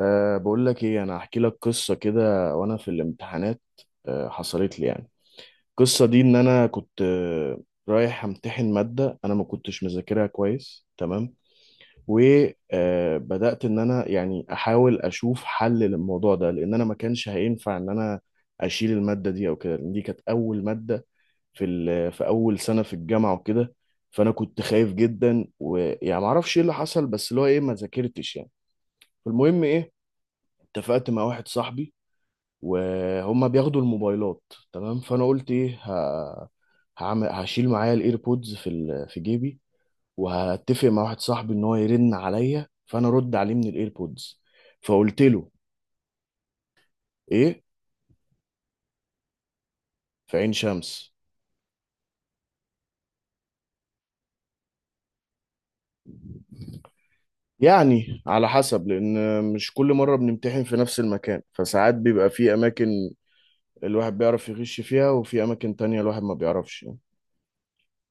أه، بقول لك ايه، انا هحكي لك قصه كده وانا في الامتحانات. أه حصلت لي يعني. القصه دي ان انا كنت رايح امتحن ماده. انا ما كنتش مذاكرها كويس. تمام. وبدات ان انا يعني احاول اشوف حل للموضوع ده، لان انا ما كانش هينفع ان انا اشيل الماده دي او كده، لان دي كانت اول ماده في في اول سنه في الجامعه وكده. فانا كنت خايف جدا، ويعني ما اعرفش ايه اللي حصل، بس اللي هو ايه ما ذاكرتش يعني. فالمهم ايه، اتفقت مع واحد صاحبي وهم بياخدوا الموبايلات. تمام. فانا قلت ايه هعمل هشيل معايا الايربودز في في جيبي، وهتفق مع واحد صاحبي ان هو يرن عليا فانا ارد عليه من الايربودز. فقلت له ايه، في عين شمس. يعني على حسب، لان مش كل مره بنمتحن في نفس المكان، فساعات بيبقى في اماكن الواحد بيعرف يغش فيها، وفي اماكن تانية الواحد ما بيعرفش يعني.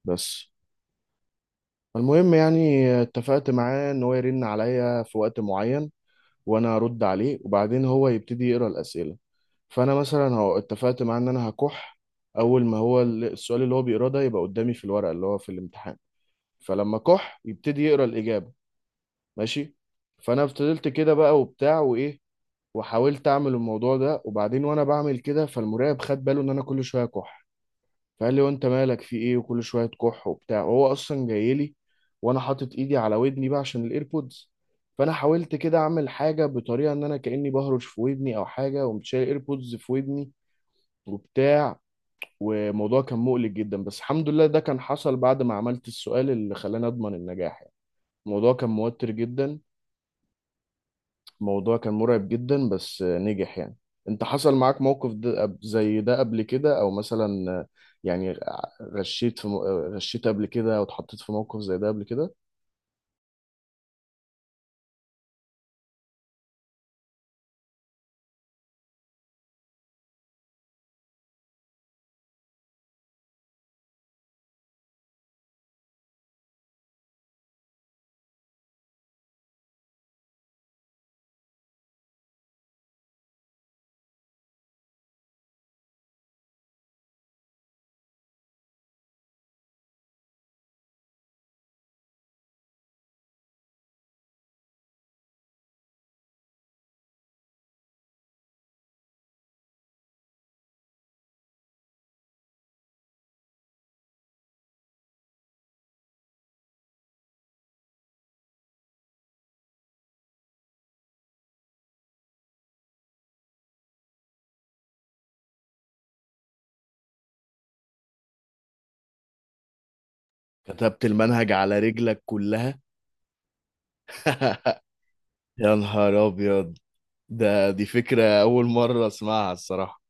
بس. المهم يعني اتفقت معاه ان هو يرن عليا في وقت معين وانا ارد عليه، وبعدين هو يبتدي يقرا الاسئله. فانا مثلا هو اتفقت معاه ان انا هكح اول ما هو السؤال اللي هو بيقراه ده يبقى قدامي في الورقه اللي هو في الامتحان. فلما كح يبتدي يقرا الاجابه. ماشي. فانا فضلت كده بقى وبتاع وايه، وحاولت اعمل الموضوع ده. وبعدين وانا بعمل كده، فالمراقب خد باله ان انا كل شويه كح. فقال لي: وانت مالك؟ في ايه؟ وكل شويه كح وبتاع، وهو اصلا جاي لي وانا حاطط ايدي على ودني بقى عشان الايربودز. فانا حاولت كده اعمل حاجه بطريقه ان انا كاني بهرش في ودني او حاجه، وقمت شايل الايربودز في ودني وبتاع. والموضوع كان مقلق جدا، بس الحمد لله ده كان حصل بعد ما عملت السؤال اللي خلاني اضمن النجاح يعني. الموضوع كان موتر جدا. الموضوع كان مرعب جدا، بس نجح يعني. انت حصل معاك موقف ده زي ده قبل كده، او مثلا يعني غشيت في غشيت قبل كده، او اتحطيت في موقف زي ده قبل كده؟ كتبت المنهج على رجلك كلها؟ يا نهار ابيض. دي فكرة اول مرة اسمعها الصراحة.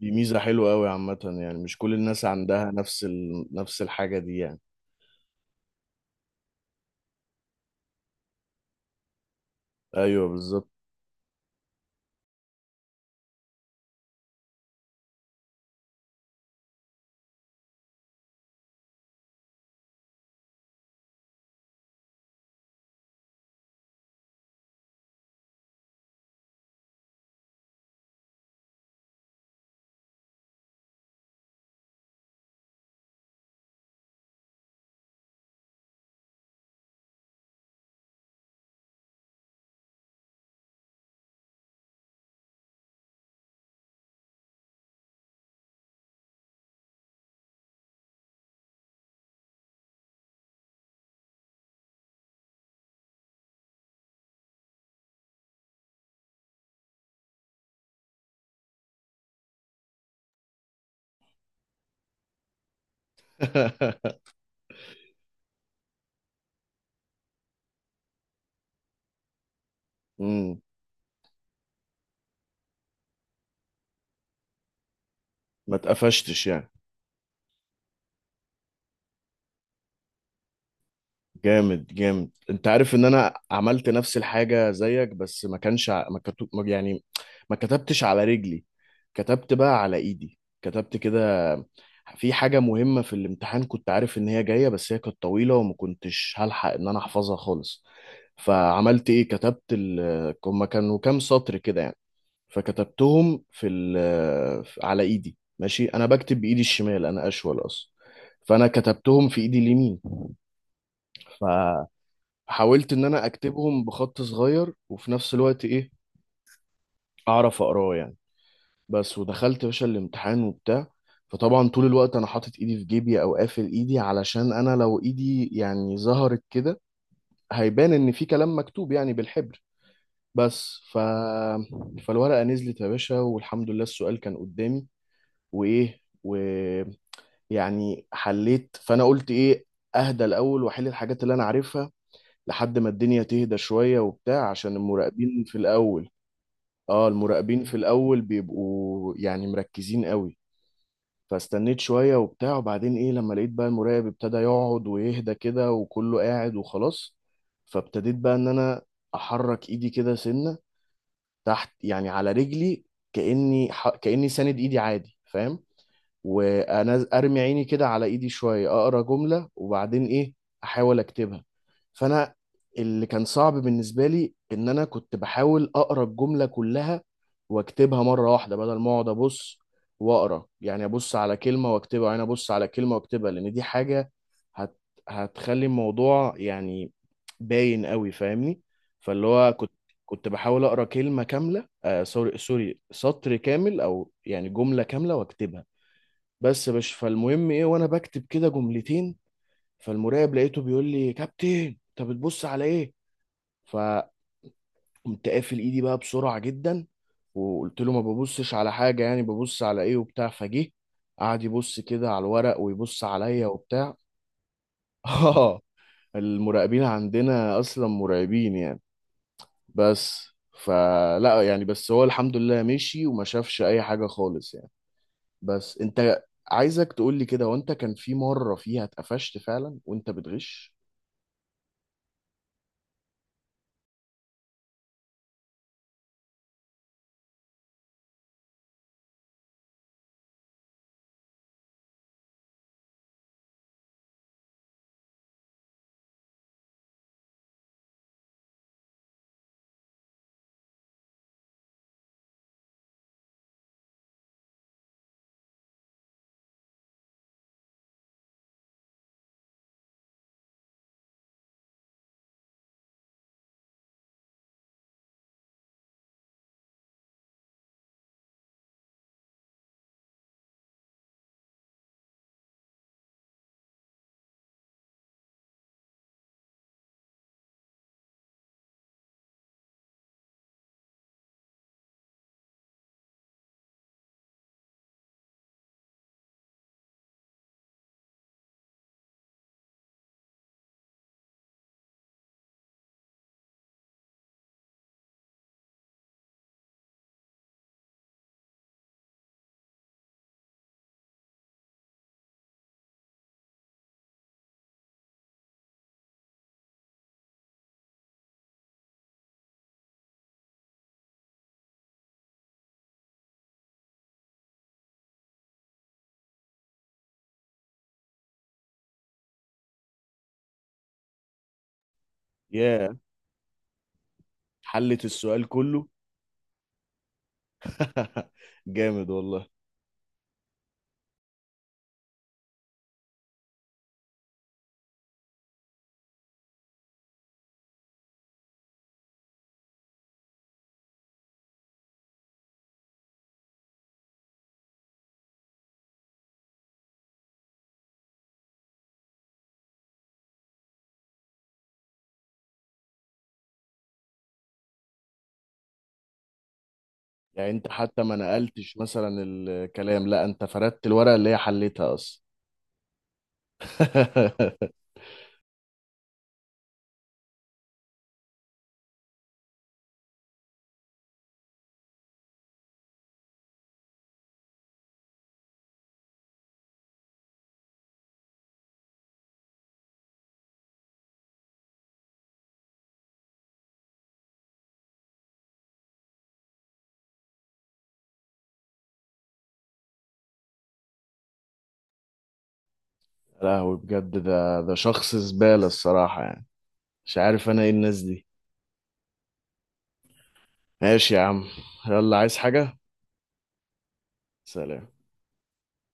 دي ميزة حلوة قوي عامة يعني، مش كل الناس عندها نفس الحاجة دي يعني. ايوه بالظبط. امم. ما اتقفشتش يعني؟ جامد جامد، انت عارف ان انا عملت نفس الحاجة زيك، بس ما كانش ع- ما كتب ما- يعني ما كتبتش على رجلي. كتبت بقى على ايدي، كتبت كده في حاجة مهمة في الامتحان كنت عارف ان هي جاية، بس هي كانت طويلة وما كنتش هلحق ان انا احفظها خالص. فعملت ايه، كتبت هما كانوا كام سطر كده يعني. فكتبتهم في على ايدي. ماشي، انا بكتب بايدي الشمال، انا اشول اصلا. فانا كتبتهم في ايدي اليمين. حاولت ان انا اكتبهم بخط صغير، وفي نفس الوقت ايه اعرف اقراه يعني. بس ودخلت يا باشا الامتحان وبتاع. فطبعا طول الوقت انا حاطط ايدي في جيبي او قافل ايدي، علشان انا لو ايدي يعني ظهرت كده هيبان ان في كلام مكتوب يعني بالحبر. بس فالورقة نزلت يا باشا، والحمد لله السؤال كان قدامي، وايه ويعني حليت. فانا قلت ايه، اهدى الاول واحل الحاجات اللي انا عارفها، لحد ما الدنيا تهدى شوية وبتاع عشان المراقبين في الأول. اه المراقبين في الاول بيبقوا يعني مركزين قوي. فاستنيت شوية وبتاع، وبعدين ايه لما لقيت بقى المراقب ابتدى يقعد ويهدى كده وكله قاعد وخلاص. فابتديت بقى ان انا احرك ايدي كده سنة تحت يعني على رجلي، كأني ساند ايدي عادي، فاهم؟ وانا ارمي عيني كده على ايدي شويه، اقرا جمله وبعدين ايه احاول اكتبها. فانا اللي كان صعب بالنسبه لي ان انا كنت بحاول اقرا الجمله كلها واكتبها مره واحده، بدل ما اقعد ابص واقرا يعني، ابص على كلمه واكتبها وبعدين ابص على كلمه واكتبها، لان دي حاجه هت... هتخلي الموضوع يعني باين قوي، فاهمني. فاللي هو كنت بحاول اقرا كلمه كامله، سوري سوري، سطر كامل او يعني جمله كامله واكتبها. بس يا باشا، فالمهم ايه وانا بكتب كده جملتين، فالمراقب لقيته بيقول لي: كابتن انت بتبص على ايه؟ فقمت قافل ايدي بقى بسرعه جدا، وقلت له: ما ببصش على حاجه، يعني ببص على ايه وبتاع. فجه قعد يبص كده على الورق ويبص عليا وبتاع. اه، المراقبين عندنا اصلا مرعبين يعني. بس فلا يعني، بس هو الحمد لله مشي وما شافش اي حاجه خالص يعني. بس انت، عايزك تقول لي كده وانت، كان في مرة فيها اتقفشت فعلا وانت بتغش؟ ياه، حلت السؤال كله؟ جامد والله. يعني انت حتى ما نقلتش مثلا الكلام، لا، انت فردت الورقة اللي هي حلتها اصلا؟ لا هو بجد ده شخص زبالة الصراحة يعني. مش عارف انا ايه الناس دي. ماشي يا عم، يلا، عايز حاجة؟ سلام.